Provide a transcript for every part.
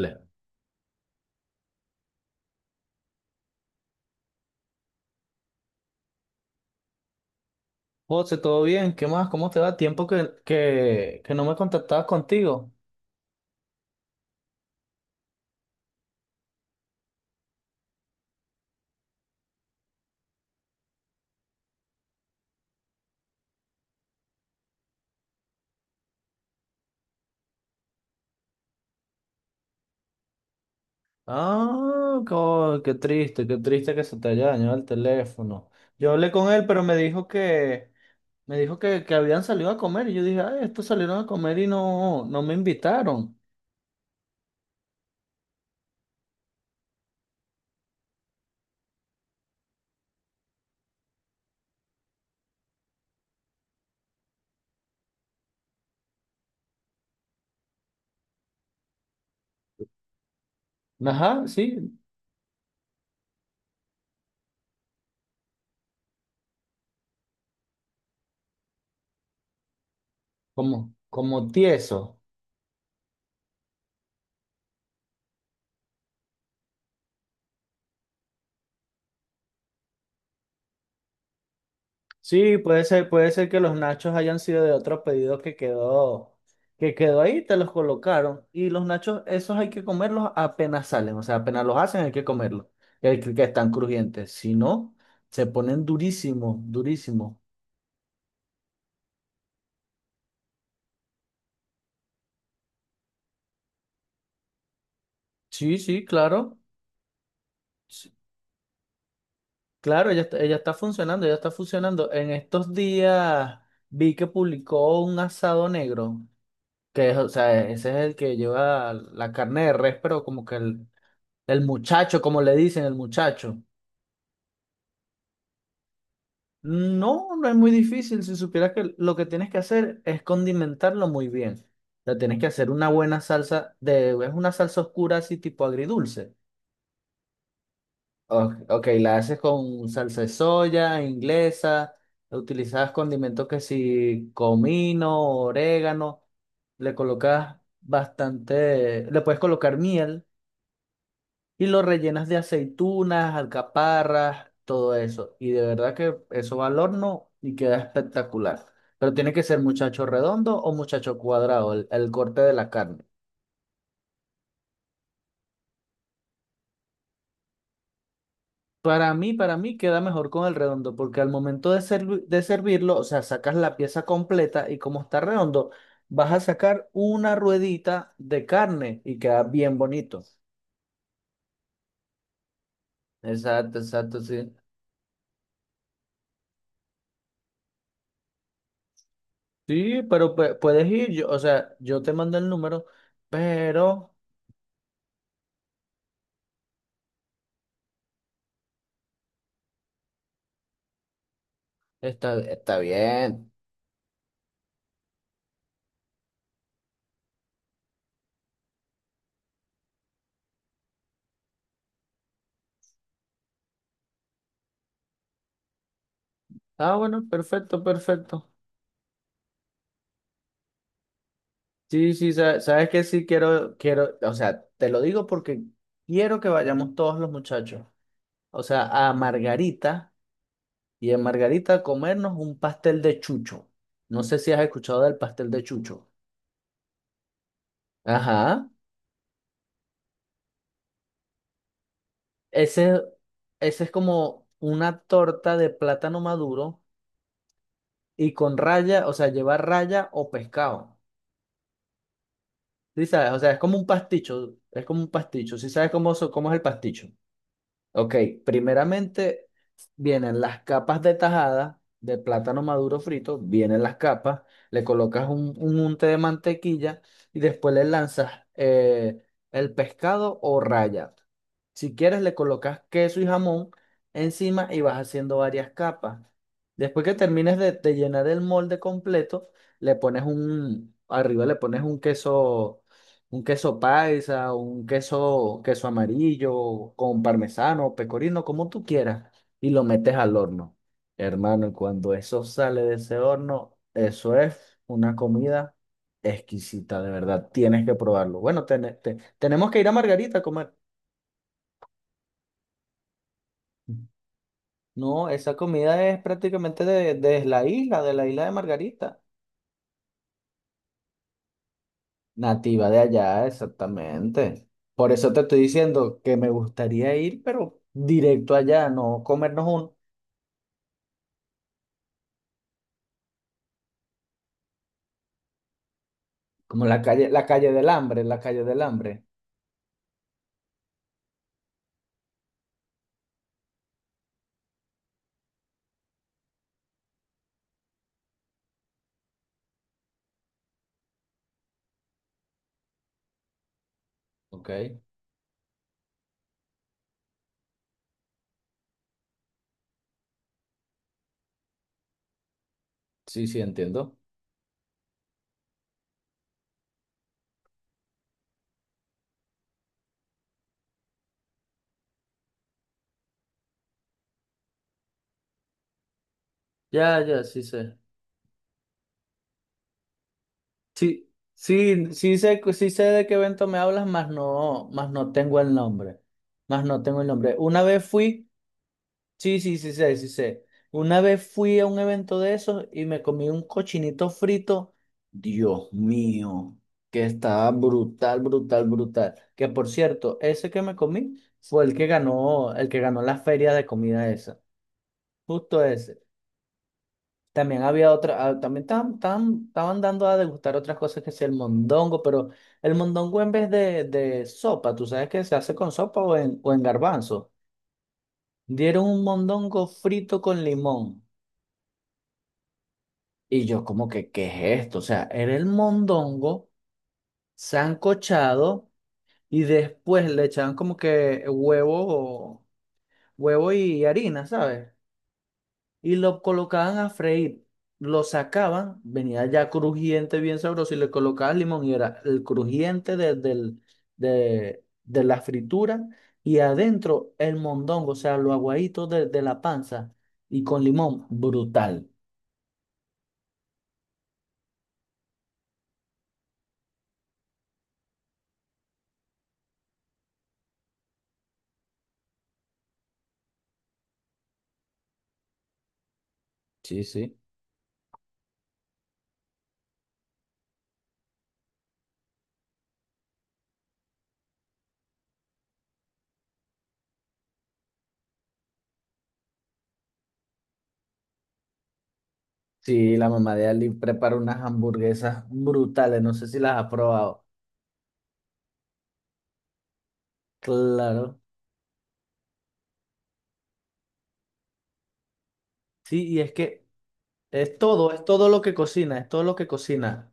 Vale. José, ¿todo bien? ¿Qué más? ¿Cómo te va? Tiempo que no me contactabas contigo. Ah, qué triste que se te haya dañado el teléfono. Yo hablé con él, pero me dijo que habían salido a comer. Y yo dije, ay, estos salieron a comer y no me invitaron. Ajá, sí, como tieso. Sí, puede ser que los nachos hayan sido de otro pedido que quedó ahí, te los colocaron. Y los nachos, esos hay que comerlos apenas salen, o sea, apenas los hacen hay que comerlos, que están crujientes. Si no, se ponen durísimos, durísimos. Sí, sí, claro. Sí, claro, ella está funcionando. En estos días vi que publicó un asado negro, que es, o sea, ese es el que lleva la carne de res, pero como que el. Muchacho, como le dicen, el muchacho. No, no es muy difícil. Si supieras que lo que tienes que hacer es condimentarlo muy bien. O sea, tienes que hacer una buena salsa de, es una salsa oscura así tipo agridulce. Ok, la haces con salsa de soya, inglesa, utilizas condimentos que si comino, orégano, le colocas bastante, le puedes colocar miel. Y lo rellenas de aceitunas, alcaparras, todo eso. Y de verdad que eso va al horno y queda espectacular. Pero tiene que ser muchacho redondo o muchacho cuadrado, el corte de la carne. Para mí queda mejor con el redondo, porque al momento de, de servirlo, o sea, sacas la pieza completa y como está redondo, vas a sacar una ruedita de carne y queda bien bonito. Exacto, exacto, sí. Sí, pero puedes ir, yo, o sea, yo te mando el número, pero... Está, está bien. Ah, bueno, perfecto, perfecto. Sí, sí, sabes que sí quiero, o sea, te lo digo porque quiero que vayamos todos los muchachos, o sea, a Margarita y en Margarita a comernos un pastel de chucho. No sé si has escuchado del pastel de chucho. Ajá. Ese, ese es como una torta de plátano maduro y con raya, o sea, lleva raya o pescado. Sí, sabes, o sea, es como un pasticho, es como un pasticho. Sí, sabes cómo, cómo es el pasticho. Ok, primeramente vienen las capas de tajada de plátano maduro frito, vienen las capas, le colocas un unte de mantequilla y después le lanzas el pescado o raya. Si quieres, le colocas queso y jamón encima y vas haciendo varias capas. Después que termines de llenar el molde completo, le pones un, arriba le pones un queso, un queso paisa, un queso, queso amarillo, con parmesano, pecorino, como tú quieras, y lo metes al horno. Hermano, y cuando eso sale de ese horno, eso es una comida exquisita, de verdad. Tienes que probarlo. Bueno, tenemos que ir a Margarita a comer. No, esa comida es prácticamente de la isla, de la isla de Margarita. Nativa de allá, exactamente. Por eso te estoy diciendo que me gustaría ir, pero directo allá, no comernos un, como la calle del hambre, la calle del hambre Ok, sí, sí, entiendo. Ya, ya, sí sé. Sí, sí, sí sé de qué evento me hablas, más no tengo el nombre. Más no tengo el nombre. Una vez fui. Sí, sí, sí sé, sí sé. Una vez fui a un evento de esos y me comí un cochinito frito. Dios mío, que estaba brutal, brutal, brutal. Que por cierto, ese que me comí fue el que ganó la feria de comida esa. Justo ese. También había otra, ah, también estaban dando a degustar otras cosas que sea el mondongo, pero el mondongo en vez de, sopa. ¿Tú sabes que se hace con sopa o en garbanzo? Dieron un mondongo frito con limón. Y yo como que, ¿qué es esto? O sea, era el mondongo sancochado y después le echaban como que huevo, huevo y harina, ¿sabes? Y lo colocaban a freír, lo sacaban, venía ya crujiente, bien sabroso, y le colocaban limón y era el crujiente de la fritura y adentro el mondongo, o sea, lo aguadito de la panza y con limón, brutal. Sí, sí. Sí, la mamá de Ali prepara unas hamburguesas brutales, no sé si las ha probado. Claro. Sí, y es que es todo lo que cocina, es todo lo que cocina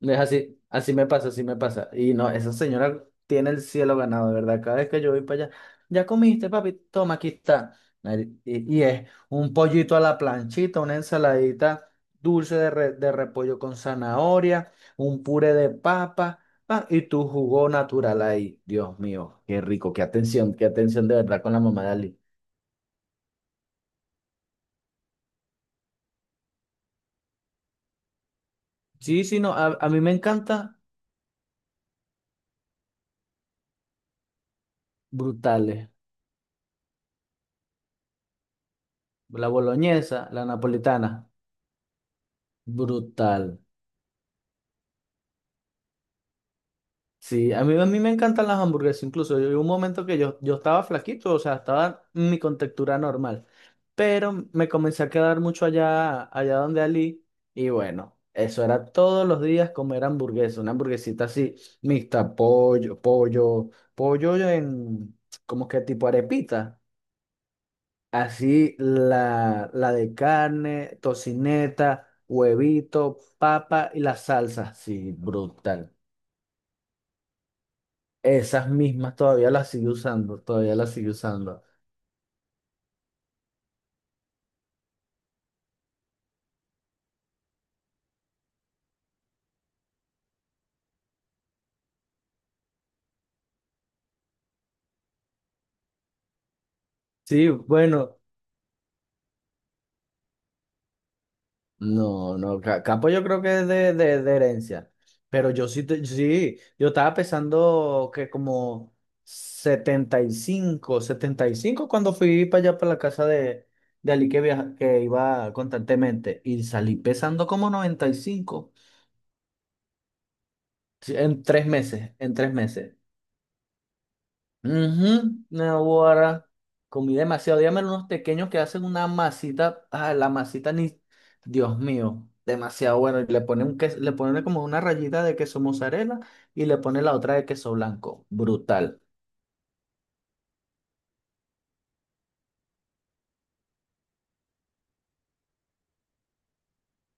Es así, así me pasa, así me pasa. Y no, esa señora tiene el cielo ganado, de verdad. Cada vez que yo voy para allá, ya comiste, papi, toma, aquí está. Y es un pollito a la planchita, una ensaladita dulce de, de repollo con zanahoria, un puré de papa, ah, y tu jugo natural ahí. Dios mío, qué rico, qué atención de verdad con la mamá de Ali. Sí, sí, no, a mí me encanta, brutales. La boloñesa, la napolitana, brutal. Sí, a mí me encantan las hamburguesas, incluso hubo un momento que yo estaba flaquito, o sea, estaba en mi contextura normal, pero me comencé a quedar mucho allá, donde Ali, y bueno, eso era todos los días comer hamburguesa, una hamburguesita así, mixta, pollo en, como que tipo arepita, así la de carne, tocineta, huevito, papa y la salsa, sí, brutal. Esas mismas todavía las sigue usando, todavía las sigue usando. Sí, bueno, no, no, ca- Capo yo creo que es de herencia, pero yo sí, sí, yo estaba pensando que como setenta y cinco cuando fui para allá, para la casa de Ali que, viaja, que iba constantemente y salí pesando como 95, sí, en 3 meses, en 3 meses. Ujú, Naguará. Comí demasiado. Dígame unos pequeños que hacen una masita. Ah, la masita ni. Dios mío, demasiado bueno. Y le ponen un le ponen como una rayita de queso mozzarella y le ponen la otra de queso blanco. Brutal.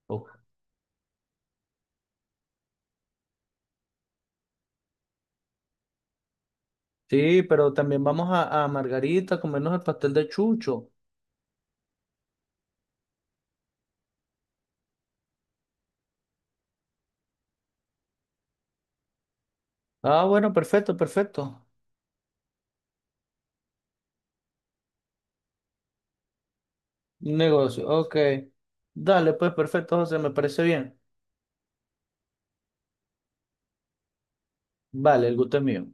Uf. Sí, pero también vamos a Margarita a comernos el pastel de chucho. Ah, bueno, perfecto, perfecto. Negocio, ok. Dale, pues perfecto, José, me parece bien. Vale, el gusto es mío.